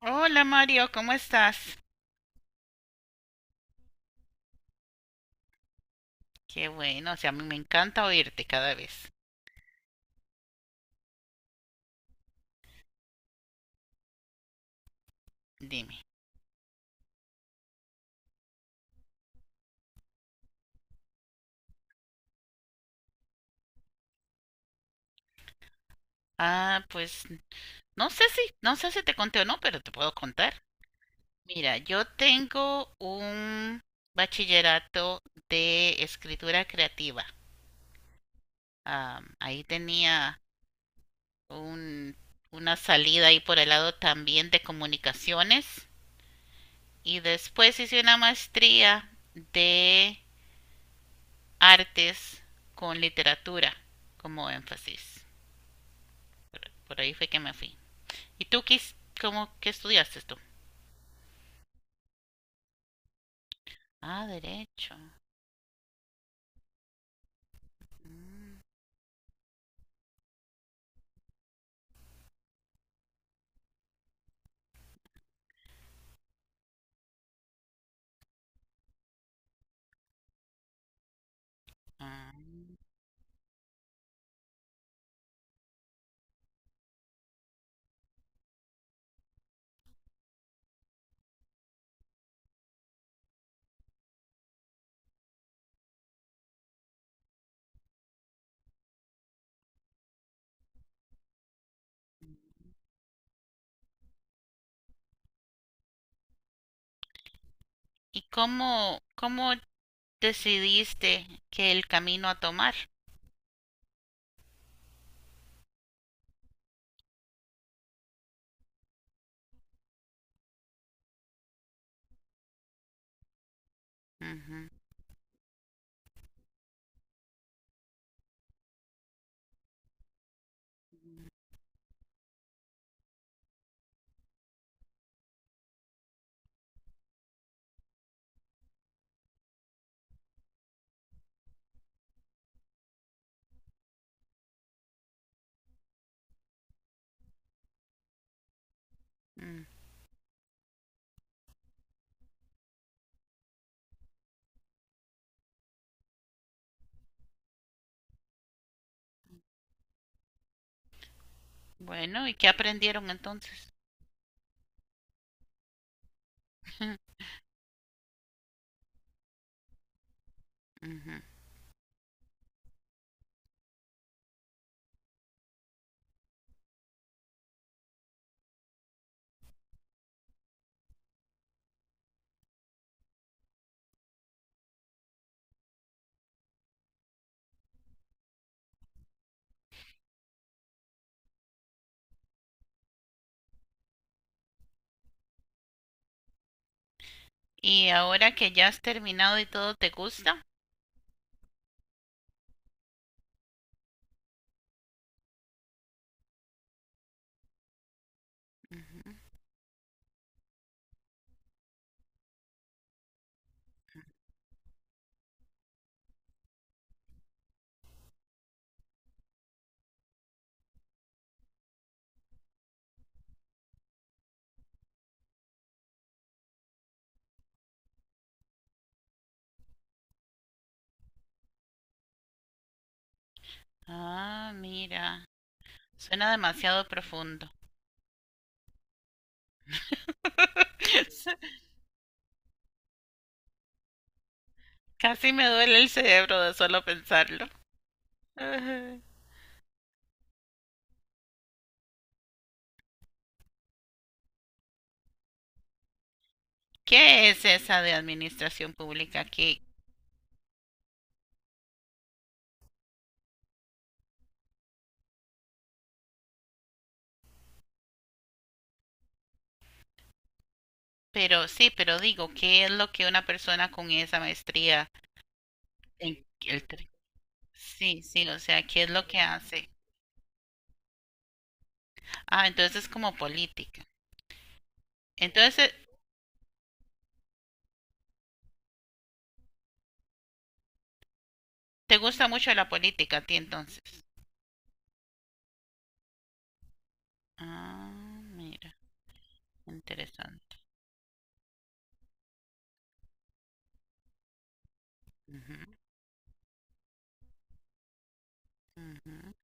Hola Mario, ¿cómo estás? Qué bueno, o sea, a mí me encanta oírte cada vez. Dime. Ah, pues no sé si te conté o no, pero te puedo contar. Mira, yo tengo un bachillerato de escritura creativa. Ah, ahí tenía un, una salida ahí por el lado también de comunicaciones y después hice una maestría de artes con literatura como énfasis. Por ahí fue que me fui. ¿Y tú qué estudiaste tú? Ah, derecho. Ah. ¿Y cómo decidiste que el camino a tomar? Ujú, mm. Bueno, ¿y qué aprendieron entonces? Ujú. ¿Y ahora que ya has terminado y todo te gusta? Ujú. Ah, mira, suena demasiado profundo. Casi me duele el cerebro de solo pensarlo. Ajá. ¿Qué es esa de administración pública? ¿Qué? Pero sí, pero digo, ¿qué es lo que una persona con esa maestría en el Sí, sí, o sea, ¿qué es lo que hace? Ah, entonces es como política. Entonces, ¿te gusta mucho la política a ti entonces? Ah, mira, interesante. Ujú, ujú.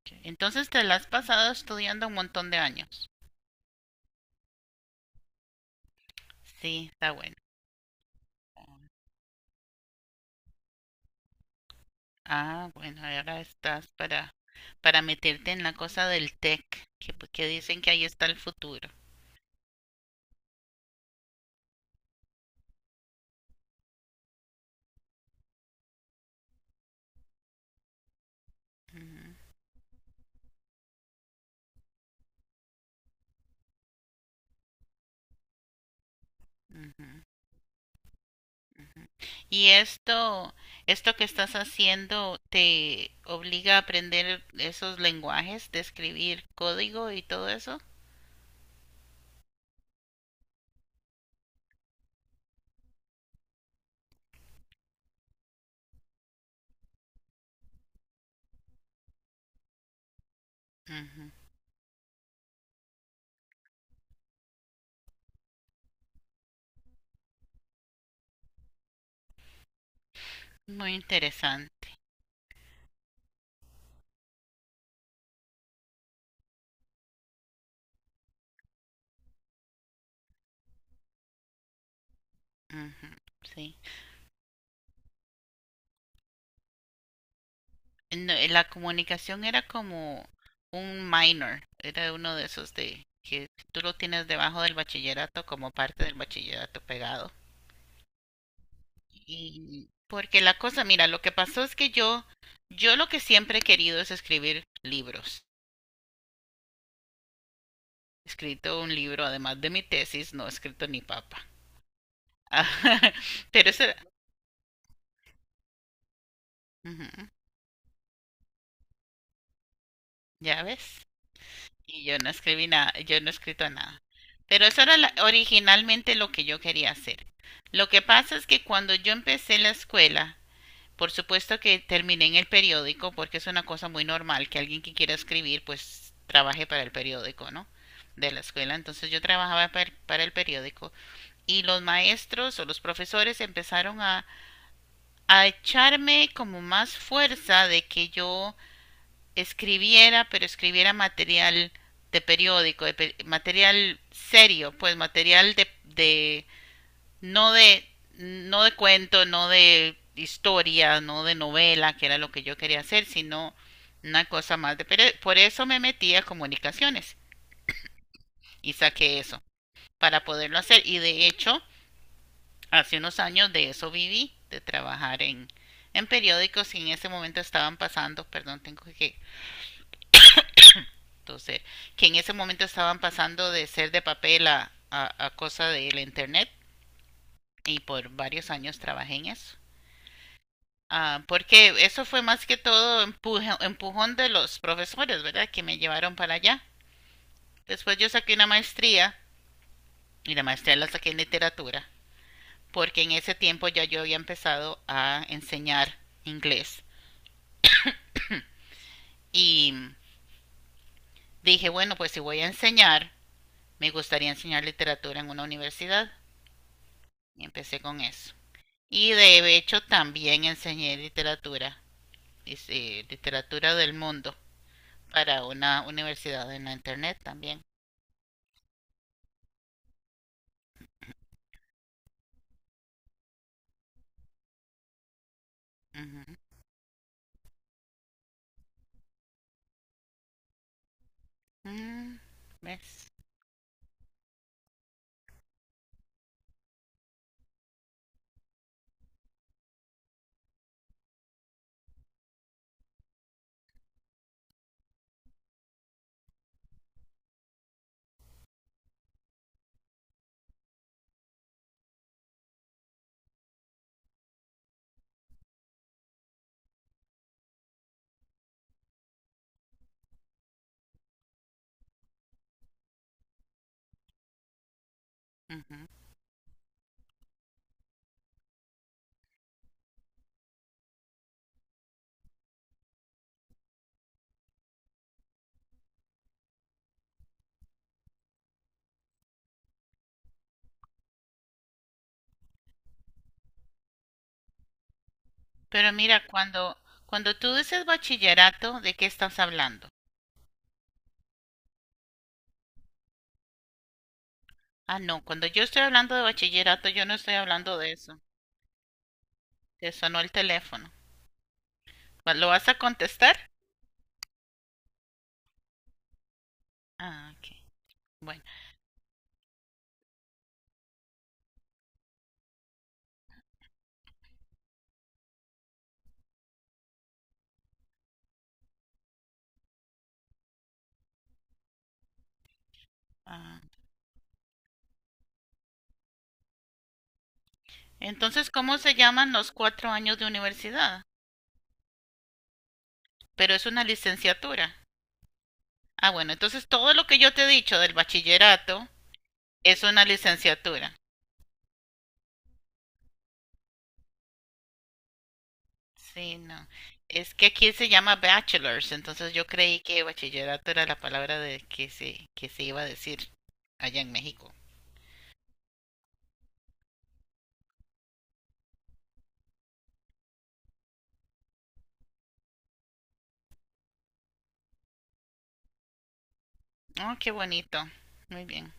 Ok. Entonces te la has pasado estudiando un montón de años. Sí, está bueno. Ah, bueno, ahora estás para meterte en la cosa del tech, que, que dicen que ahí está el futuro. Ujú, ujú, ujú. Y esto que estás haciendo te obliga a aprender esos lenguajes de escribir código y todo eso. Ujú, muy interesante. Ujú, sí. No, la comunicación era como un minor, era uno de esos de que tú lo tienes debajo del bachillerato como parte del bachillerato pegado. Y porque la cosa, mira, lo que pasó es que yo lo que siempre he querido es escribir libros. He escrito un libro, además de mi tesis, no he escrito ni papa. Pero eso era- Ujú, ya ves. Y yo no escribí nada, yo no he escrito nada. Pero eso originalmente lo que yo quería hacer. Lo que pasa es que cuando yo empecé la escuela, por supuesto que terminé en el periódico porque es una cosa muy normal que alguien que quiera escribir pues trabaje para el periódico, ¿no? De la escuela. Entonces yo trabajaba para el periódico y los maestros o los profesores empezaron a echarme como más fuerza de que yo escribiera, pero escribiera material de periódico, de material serio, pues material de no no de cuento, no de historia, no de novela, que era lo que yo quería hacer, sino una cosa más de... Pero por eso me metí a comunicaciones y saqué eso, para poderlo hacer. Y de hecho, hace unos años de eso viví, de trabajar en periódicos y en ese momento estaban pasando, perdón, tengo que toser, que en ese momento estaban pasando de ser de papel a cosa del internet y por varios años trabajé en eso. Ah, porque eso fue más que todo empujón de los profesores, ¿verdad? Que me llevaron para allá. Después yo saqué una maestría y la maestría la saqué en literatura, porque en ese tiempo ya yo había empezado a enseñar inglés. Y dije, bueno, pues si voy a enseñar, me gustaría enseñar literatura en una universidad. Y empecé con eso. Y de hecho también enseñé literatura, dice, literatura del mundo, para una universidad en la internet también. Ujú. Mm, ¿ves? Ujú. Pero mira, cuando tú dices bachillerato, ¿de qué estás hablando? Ah, no, cuando yo estoy hablando de bachillerato, yo no estoy hablando de eso. Te sonó el teléfono. ¿Lo vas a contestar? Ah, ok. Bueno. Ah, entonces, ¿cómo se llaman los cuatro años de universidad? Pero es una licenciatura. Ah, bueno, entonces todo lo que yo te he dicho del bachillerato es una licenciatura. Sí, no. Es que aquí se llama bachelors, entonces yo creí que bachillerato era la palabra de que se iba a decir allá en México. Oh, qué bonito. Muy bien.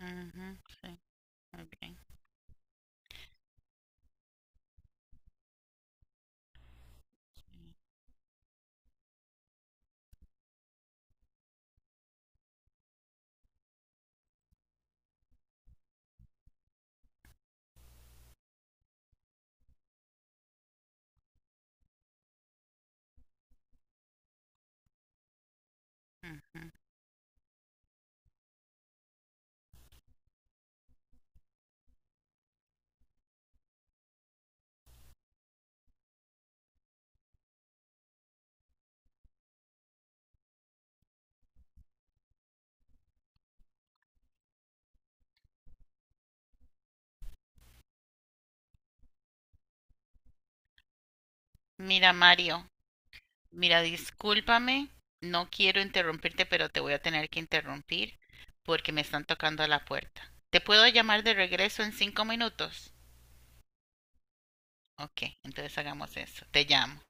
Ujú, sí, muy bien. Ujú. Mira, Mario, mira, discúlpame, no quiero interrumpirte, pero te voy a tener que interrumpir porque me están tocando a la puerta. ¿Te puedo llamar de regreso en 5 minutos? Ok, entonces hagamos eso. Te llamo.